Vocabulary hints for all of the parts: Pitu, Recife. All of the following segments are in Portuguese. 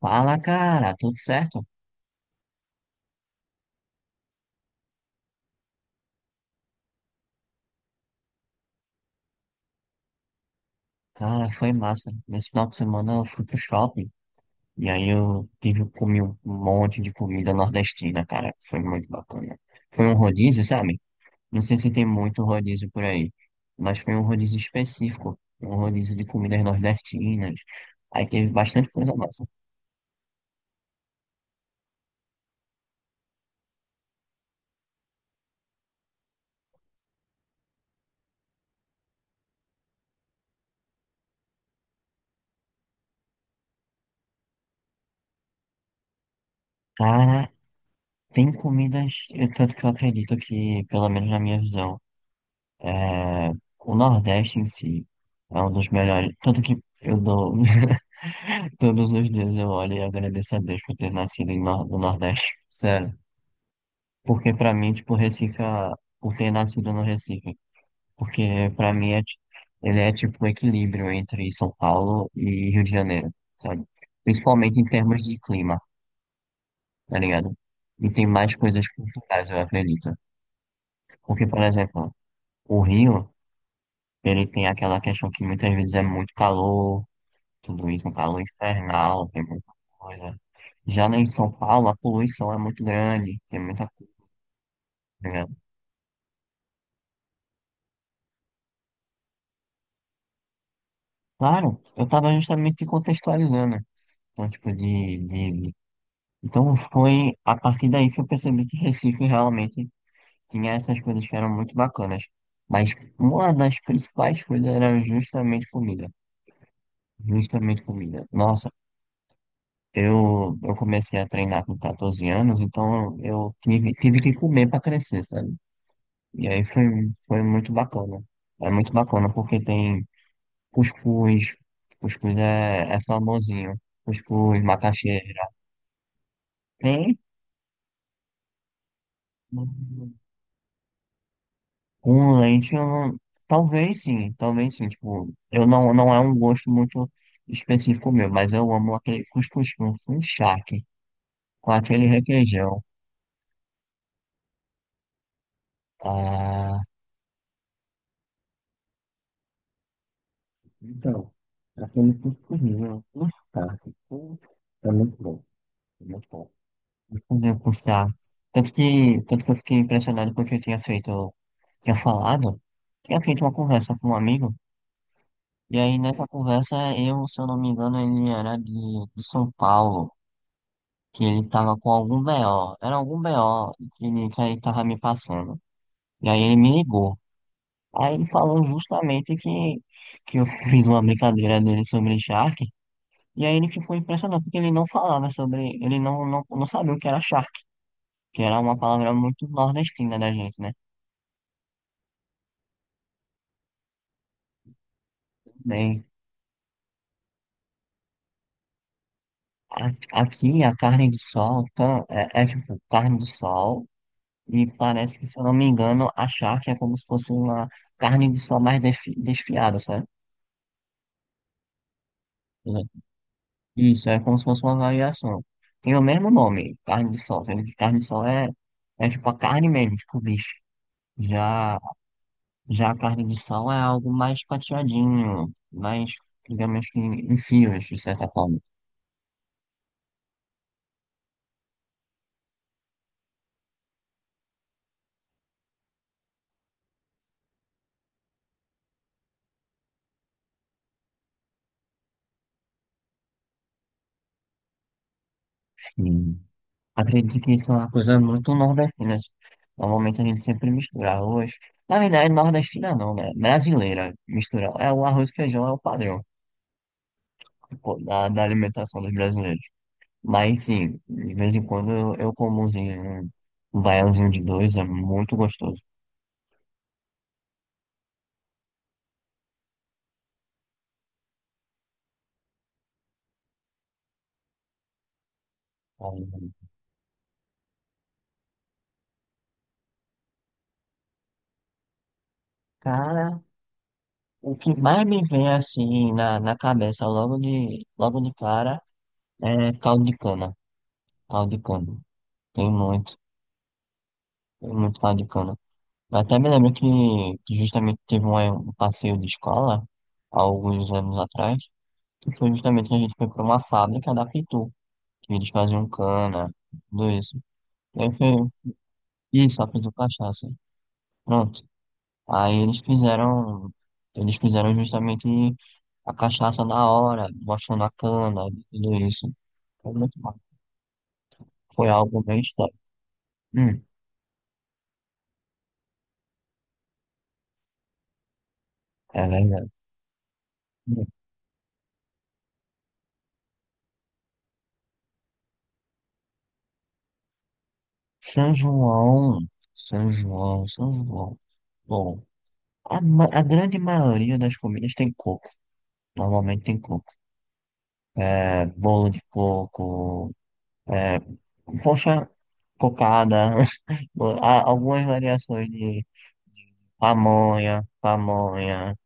Fala, cara, tudo certo? Cara, foi massa. Nesse final de semana eu fui pro shopping e aí eu tive, comi um monte de comida nordestina, cara. Foi muito bacana. Foi um rodízio, sabe? Não sei se tem muito rodízio por aí, mas foi um rodízio específico, um rodízio de comidas nordestinas. Aí teve bastante coisa massa. Cara, tem comidas, tanto que eu acredito que, pelo menos na minha visão, é, o Nordeste em si é um dos melhores. Tanto que eu dou. Todos os dias eu olho e agradeço a Deus por ter nascido em no Nordeste. Sério. Porque pra mim, tipo, por ter nascido no Recife. Porque pra mim ele é tipo um equilíbrio entre São Paulo e Rio de Janeiro, sabe? Principalmente em termos de clima, tá ligado? E tem mais coisas culturais, eu acredito. Porque, por exemplo, o Rio. Ele tem aquela questão que muitas vezes é muito calor, tudo isso, um calor infernal, tem muita coisa. Já lá em São Paulo, a poluição é muito grande, tem muita coisa. Claro, eu estava justamente te contextualizando, né? Então, tipo, Então, foi a partir daí que eu percebi que Recife realmente tinha essas coisas que eram muito bacanas. Mas uma das principais coisas era justamente comida. Justamente comida. Nossa, eu comecei a treinar com 14 anos, então eu tive que comer para crescer, sabe? E aí foi, foi muito bacana. É muito bacana porque tem cuscuz, cuscuz é famosinho, cuscuz, macaxeira. Tem com leite, eu não, talvez sim, talvez sim. Tipo, eu não é um gosto muito específico meu, mas eu amo aquele cuscuz com charque, com aquele requeijão. Ah, então, já falei tudo comigo, tudo tarde, tudo. É muito bom, é muito bom. Vou fazer cursar. Tanto que, tanto que eu fiquei impressionado porque eu tinha tinha falado, feito uma conversa com um amigo, e aí nessa conversa eu, se eu não me engano, ele era de São Paulo, que ele tava com algum BO, era algum BO que que ele tava me passando. E aí ele me ligou. Aí ele falou justamente que eu fiz uma brincadeira dele sobre Shark. E aí ele ficou impressionado porque ele não falava sobre, ele não, não, não sabia o que era charque, que era uma palavra muito nordestina da gente, né? Bem, aqui a carne de sol é tipo carne de sol e parece que, se eu não me engano, a charque é como se fosse uma carne de sol desfiada, sabe? Né? Isso, é como se fosse uma variação. Tem o mesmo nome, carne de sol, sendo que carne de sol é, é tipo a carne mesmo, tipo bife. Já Já a carne de sal é algo mais fatiadinho, mais, digamos que em fios, de certa forma. Sim. Acredito que isso é uma coisa muito nordestina. Normalmente a gente sempre mistura arroz. Na verdade, nordestina não, né? Brasileira mistura. É o arroz e feijão, é o padrão, tipo, da alimentação dos brasileiros. Mas sim, de vez em quando eu como umzinho, um baiãozinho de dois, é muito gostoso. Aí, cara, o que mais me vem assim na cabeça logo de cara é caldo de cana. Caldo de cana. Tem muito, tem muito caldo de cana. Eu até me lembro que justamente teve um passeio de escola, há alguns anos atrás, que foi justamente que a gente foi para uma fábrica da Pitu, que eles faziam cana, tudo isso. E aí foi isso, a Pitu Cachaça. Pronto. Aí eles eles fizeram justamente a cachaça na hora, mostrando a cana, tudo isso. Foi muito bom. Foi algo bem histórico. Hum, é verdade. Hum. São João, São João, São João. Bom, a grande maioria das comidas tem coco. Normalmente tem coco. É, bolo de coco, é, poxa, cocada, há algumas variações de pamonha, pamonha.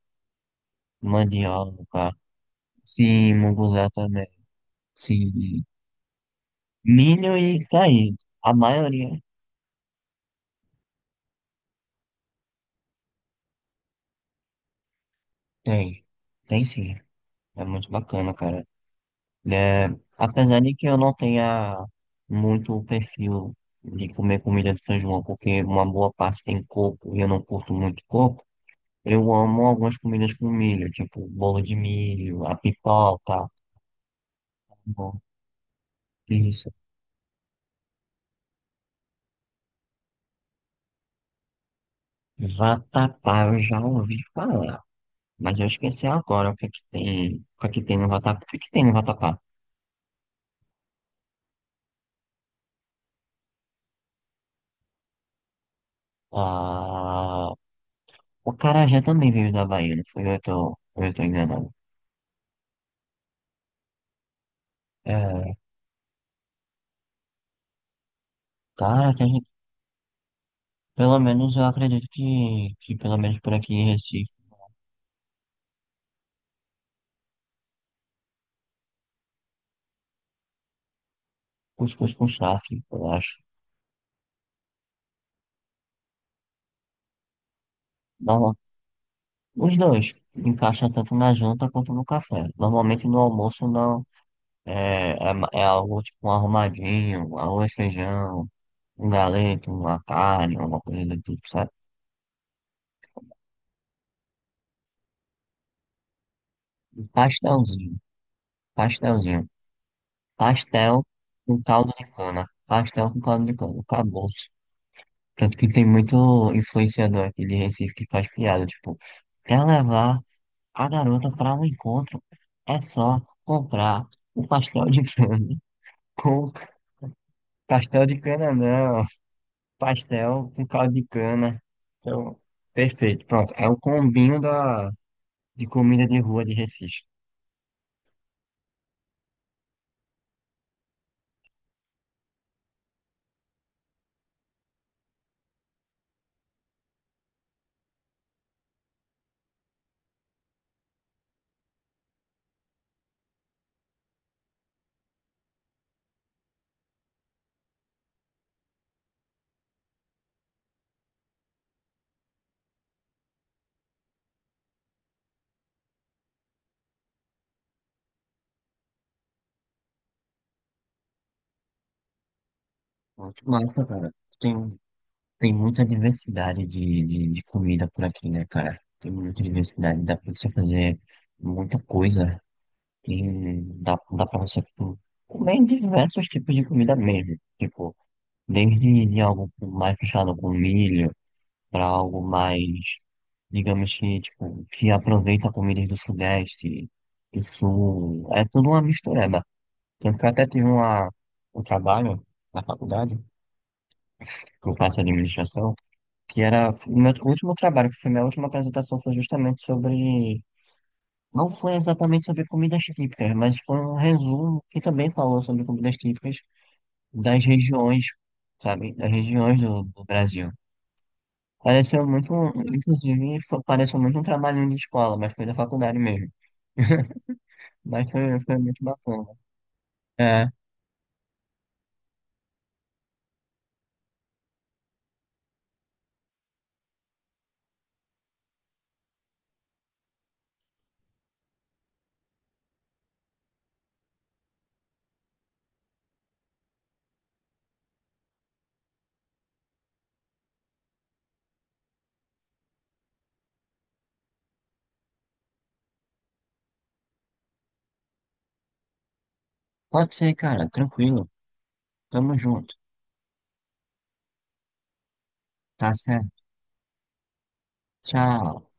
Mandioca, sim, munguzá também, sim, milho e caído. A maioria tem, tem sim. É muito bacana, cara. É, apesar de que eu não tenha muito o perfil de comer comida de São João, porque uma boa parte tem coco e eu não curto muito coco, eu amo algumas comidas com milho, tipo bolo de milho, a pipoca, tá bom, isso. Vatapá, eu já ouvi falar. Mas eu esqueci agora o que é que tem, o que é que tem no vatapá. O que é que tem no vatapá? Ah, o acarajé também veio da Bahia, não fui eu eu tô enganado. É, cara, que a gente, pelo menos eu acredito que pelo menos por aqui em Recife, cuscuz com charque, eu acho. Normal, os dois encaixa tanto na janta quanto no café. Normalmente no almoço não, é algo tipo um arrumadinho, um arroz, feijão, um galeto, uma carne, uma coisa do tipo, sabe? Um pastelzinho. Pastelzinho. Pastel com caldo de cana. Pastel com caldo de cana. Acabou-se. Tanto que tem muito influenciador aqui de Recife que faz piada. Tipo, quer levar a garota para um encontro? É só comprar um pastel de cana. Com c- pastel de cana, não. Pastel com caldo de cana. Então, perfeito. Pronto. É o combinho de comida de rua de Recife. Muito massa, cara. Tem Tem muita diversidade de comida por aqui, né, cara? Tem muita diversidade, dá pra você fazer muita coisa. Dá pra você tipo, comer diversos tipos de comida mesmo. Tipo, desde de algo mais fechado com milho, pra algo mais, digamos que, tipo, que aproveita comidas do Sudeste, do Sul. É tudo uma mistureba. Tanto que eu até tive uma, um trabalho na faculdade, que eu faço administração, que era o meu último trabalho, que foi minha última apresentação, foi justamente sobre. Não foi exatamente sobre comidas típicas, mas foi um resumo que também falou sobre comidas típicas das regiões, sabe? Das regiões do, do Brasil. Pareceu muito, pareceu muito um trabalhinho de escola, mas foi da faculdade mesmo. Mas foi muito bacana. É, pode ser, cara, tranquilo. Tamo junto. Tá certo. Tchau.